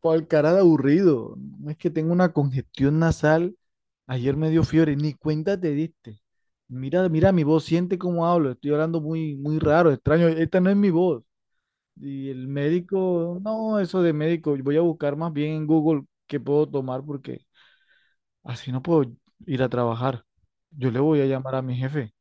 Por el cara de aburrido. No es que tengo una congestión nasal. Ayer me dio fiebre, ni cuenta te diste. Mira, mira mi voz, siente cómo hablo. Estoy hablando muy, muy raro, extraño. Esta no es mi voz. Y el médico, no, eso de médico. Voy a buscar más bien en Google qué puedo tomar porque así no puedo ir a trabajar. Yo le voy a llamar a mi jefe.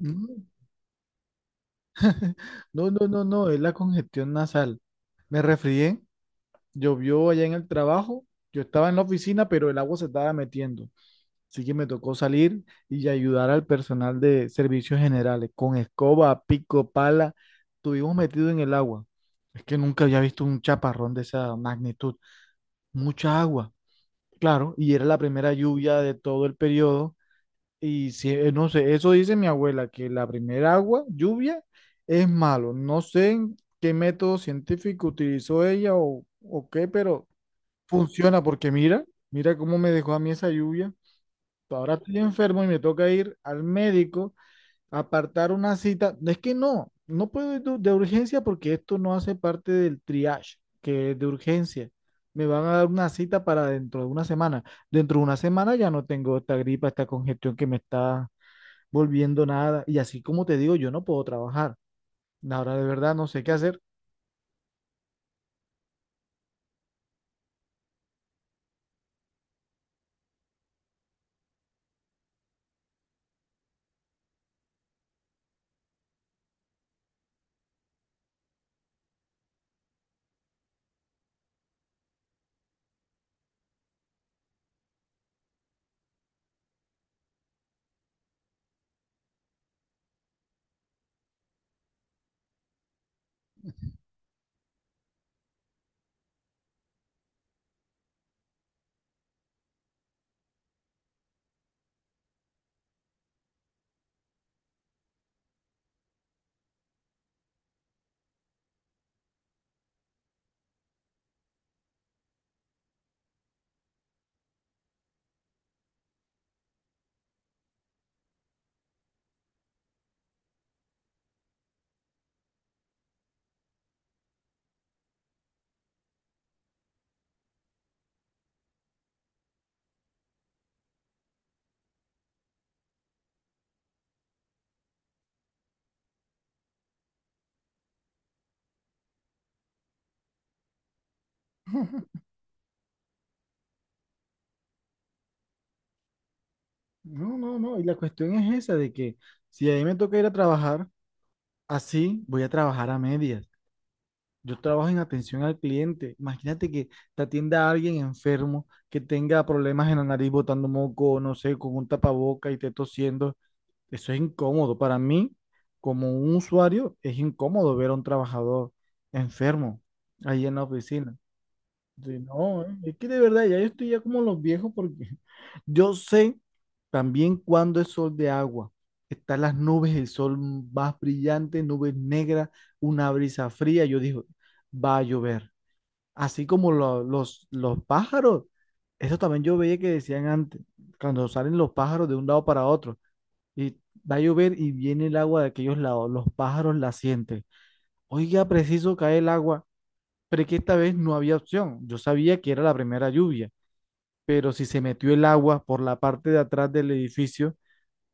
Mm, no, no, no, no, es la congestión nasal. Me resfrié, llovió allá en el trabajo. Yo estaba en la oficina, pero el agua se estaba metiendo. Así que me tocó salir y ayudar al personal de servicios generales con escoba, pico, pala. Estuvimos metidos en el agua. Es que nunca había visto un chaparrón de esa magnitud. Mucha agua, claro, y era la primera lluvia de todo el periodo. Y si, no sé, eso dice mi abuela, que la primera agua, lluvia, es malo. No sé en qué método científico utilizó ella o qué, pero funciona porque mira, mira cómo me dejó a mí esa lluvia. Ahora estoy enfermo y me toca ir al médico, apartar una cita. Es que no, no puedo ir de urgencia porque esto no hace parte del triage, que es de urgencia. Me van a dar una cita para dentro de una semana. Dentro de una semana ya no tengo esta gripa, esta congestión que me está volviendo nada. Y así como te digo, yo no puedo trabajar. Ahora de verdad no sé qué hacer. No, no, no. Y la cuestión es esa de que si a mí me toca ir a trabajar, así voy a trabajar a medias. Yo trabajo en atención al cliente. Imagínate que te atienda alguien enfermo que tenga problemas en la nariz botando moco, no sé, con un tapaboca y te tosiendo. Eso es incómodo. Para mí, como un usuario, es incómodo ver a un trabajador enfermo ahí en la oficina. Sí, no, es que de verdad ya yo estoy ya como los viejos porque yo sé también cuando es sol de agua. Están las nubes, el sol más brillante, nubes negras, una brisa fría. Yo digo, va a llover. Así como los pájaros. Eso también yo veía que decían antes, cuando salen los pájaros de un lado para otro. Y va a llover y viene el agua de aquellos lados. Los pájaros la sienten. Oiga, preciso cae el agua. Pero es que esta vez no había opción. Yo sabía que era la primera lluvia, pero si se metió el agua por la parte de atrás del edificio,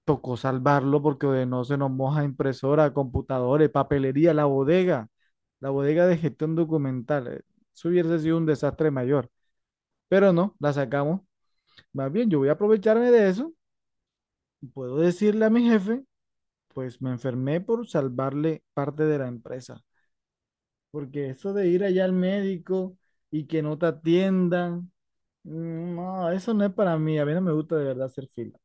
tocó salvarlo porque de no se nos moja impresora, computadores, papelería, la bodega de gestión documental. Eso hubiese sido un desastre mayor, pero no, la sacamos. Más bien, yo voy a aprovecharme de eso. Puedo decirle a mi jefe, pues me enfermé por salvarle parte de la empresa, porque eso de ir allá al médico y que no te atiendan. Mm, no, eso no es para mí. A mí no me gusta de verdad hacer fila.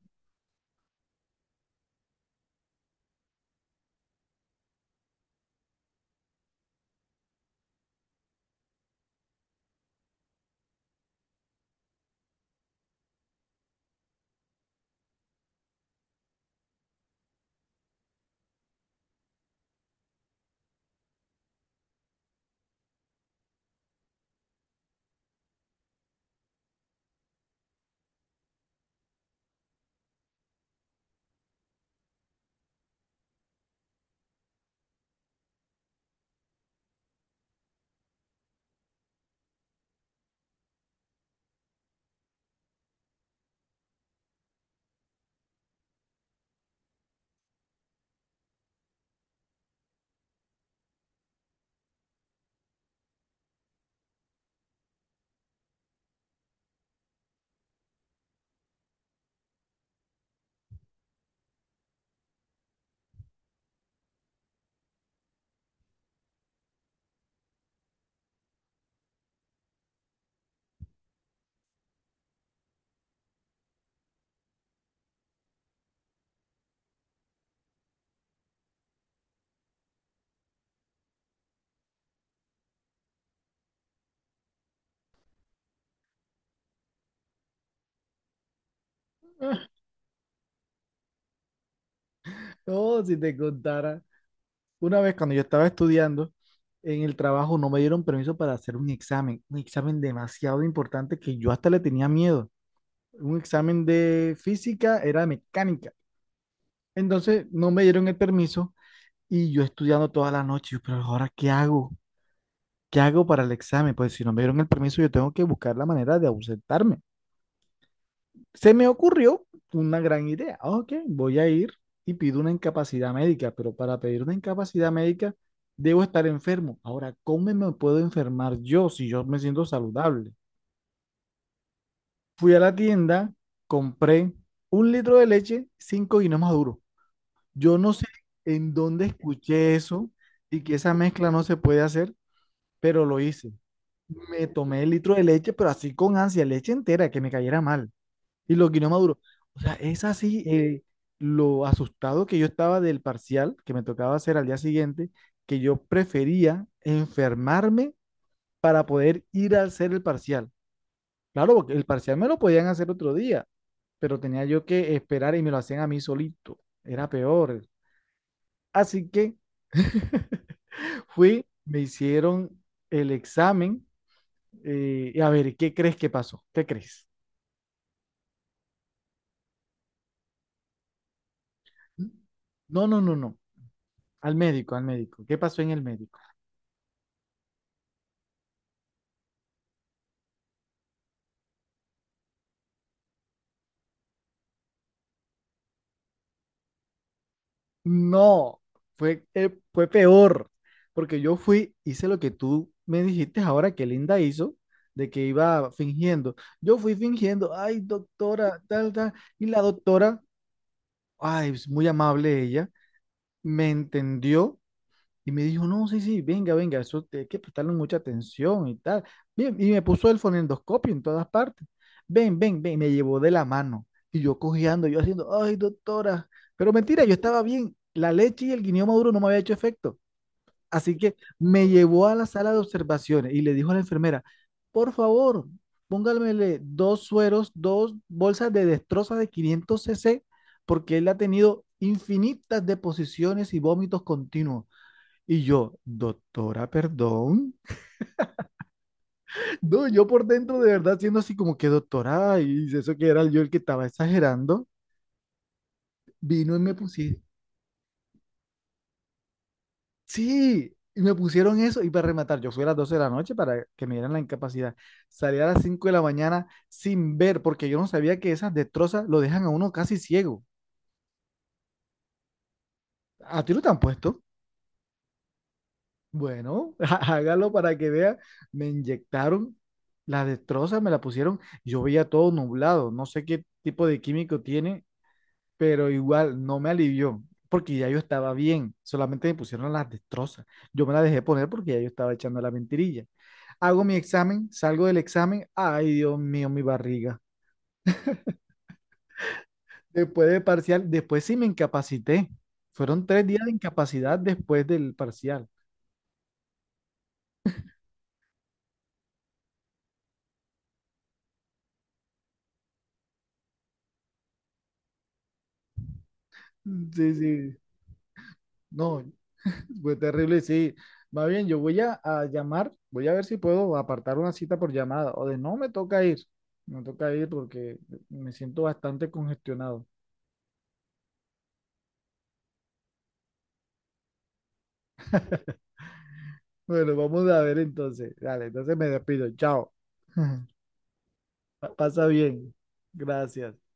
Oh, si te contara. Una vez cuando yo estaba estudiando en el trabajo, no me dieron permiso para hacer un examen. Un examen demasiado importante que yo hasta le tenía miedo. Un examen de física, era de mecánica. Entonces no me dieron el permiso y yo estudiando toda la noche. Yo, pero ahora, ¿qué hago? ¿Qué hago para el examen? Pues si no me dieron el permiso, yo tengo que buscar la manera de ausentarme. Se me ocurrió una gran idea. Ah, Ok, voy a ir y pido una incapacidad médica, pero para pedir una incapacidad médica debo estar enfermo. Ahora, ¿cómo me puedo enfermar yo si yo me siento saludable? Fui a la tienda, compré un litro de leche, 5 guineos maduros. Yo no sé en dónde escuché eso y que esa mezcla no se puede hacer, pero lo hice. Me tomé el litro de leche, pero así con ansia, leche entera, que me cayera mal. Y lo guinó Maduro. O sea, es así lo asustado que yo estaba del parcial que me tocaba hacer al día siguiente, que yo prefería enfermarme para poder ir a hacer el parcial. Claro, porque el parcial me lo podían hacer otro día, pero tenía yo que esperar y me lo hacían a mí solito. Era peor. Así que fui, me hicieron el examen. Y a ver, ¿qué crees que pasó? ¿Qué crees? No, no, no, no. Al médico, al médico. ¿Qué pasó en el médico? No, fue, fue peor, porque yo fui, hice lo que tú me dijiste ahora que Linda hizo, de que iba fingiendo. Yo fui fingiendo, ay, doctora, tal, tal, y la doctora, ay, es muy amable ella, me entendió y me dijo, no, sí, sí, venga, venga, hay que prestarle mucha atención y tal. Bien, y me puso el fonendoscopio en todas partes. Ven, ven, ven, me llevó de la mano. Y yo cojeando, yo haciendo, ay, doctora. Pero mentira, yo estaba bien. La leche y el guineo maduro no me había hecho efecto. Así que me llevó a la sala de observaciones y le dijo a la enfermera, por favor, póngamele dos sueros, dos bolsas de destroza de 500 cc, porque él ha tenido infinitas deposiciones y vómitos continuos. Y yo, doctora, perdón. No, yo por dentro de verdad siendo así como que doctora, y si eso que era yo el que estaba exagerando, vino y me pusieron, sí, y me pusieron eso y para rematar, yo fui a las 12 de la noche para que me dieran la incapacidad. Salí a las 5 de la mañana sin ver, porque yo no sabía que esas destrozas lo dejan a uno casi ciego. ¿A ti lo te han puesto? Bueno, hágalo para que vea. Me inyectaron la destroza, me la pusieron, yo veía todo nublado, no sé qué tipo de químico tiene pero igual no me alivió, porque ya yo estaba bien, solamente me pusieron las destrozas. Yo me las dejé poner porque ya yo estaba echando la mentirilla. Hago mi examen, salgo del examen, ay Dios mío, mi barriga. Después del parcial, después sí me incapacité. Fueron 3 días de incapacidad después del parcial. Sí, sí, no, fue terrible, sí. Más bien, yo voy a llamar, voy a ver si puedo apartar una cita por llamada o de no me toca ir, me toca ir porque me siento bastante congestionado. Bueno, vamos a ver entonces. Dale, entonces me despido. Chao. Pasa bien. Gracias.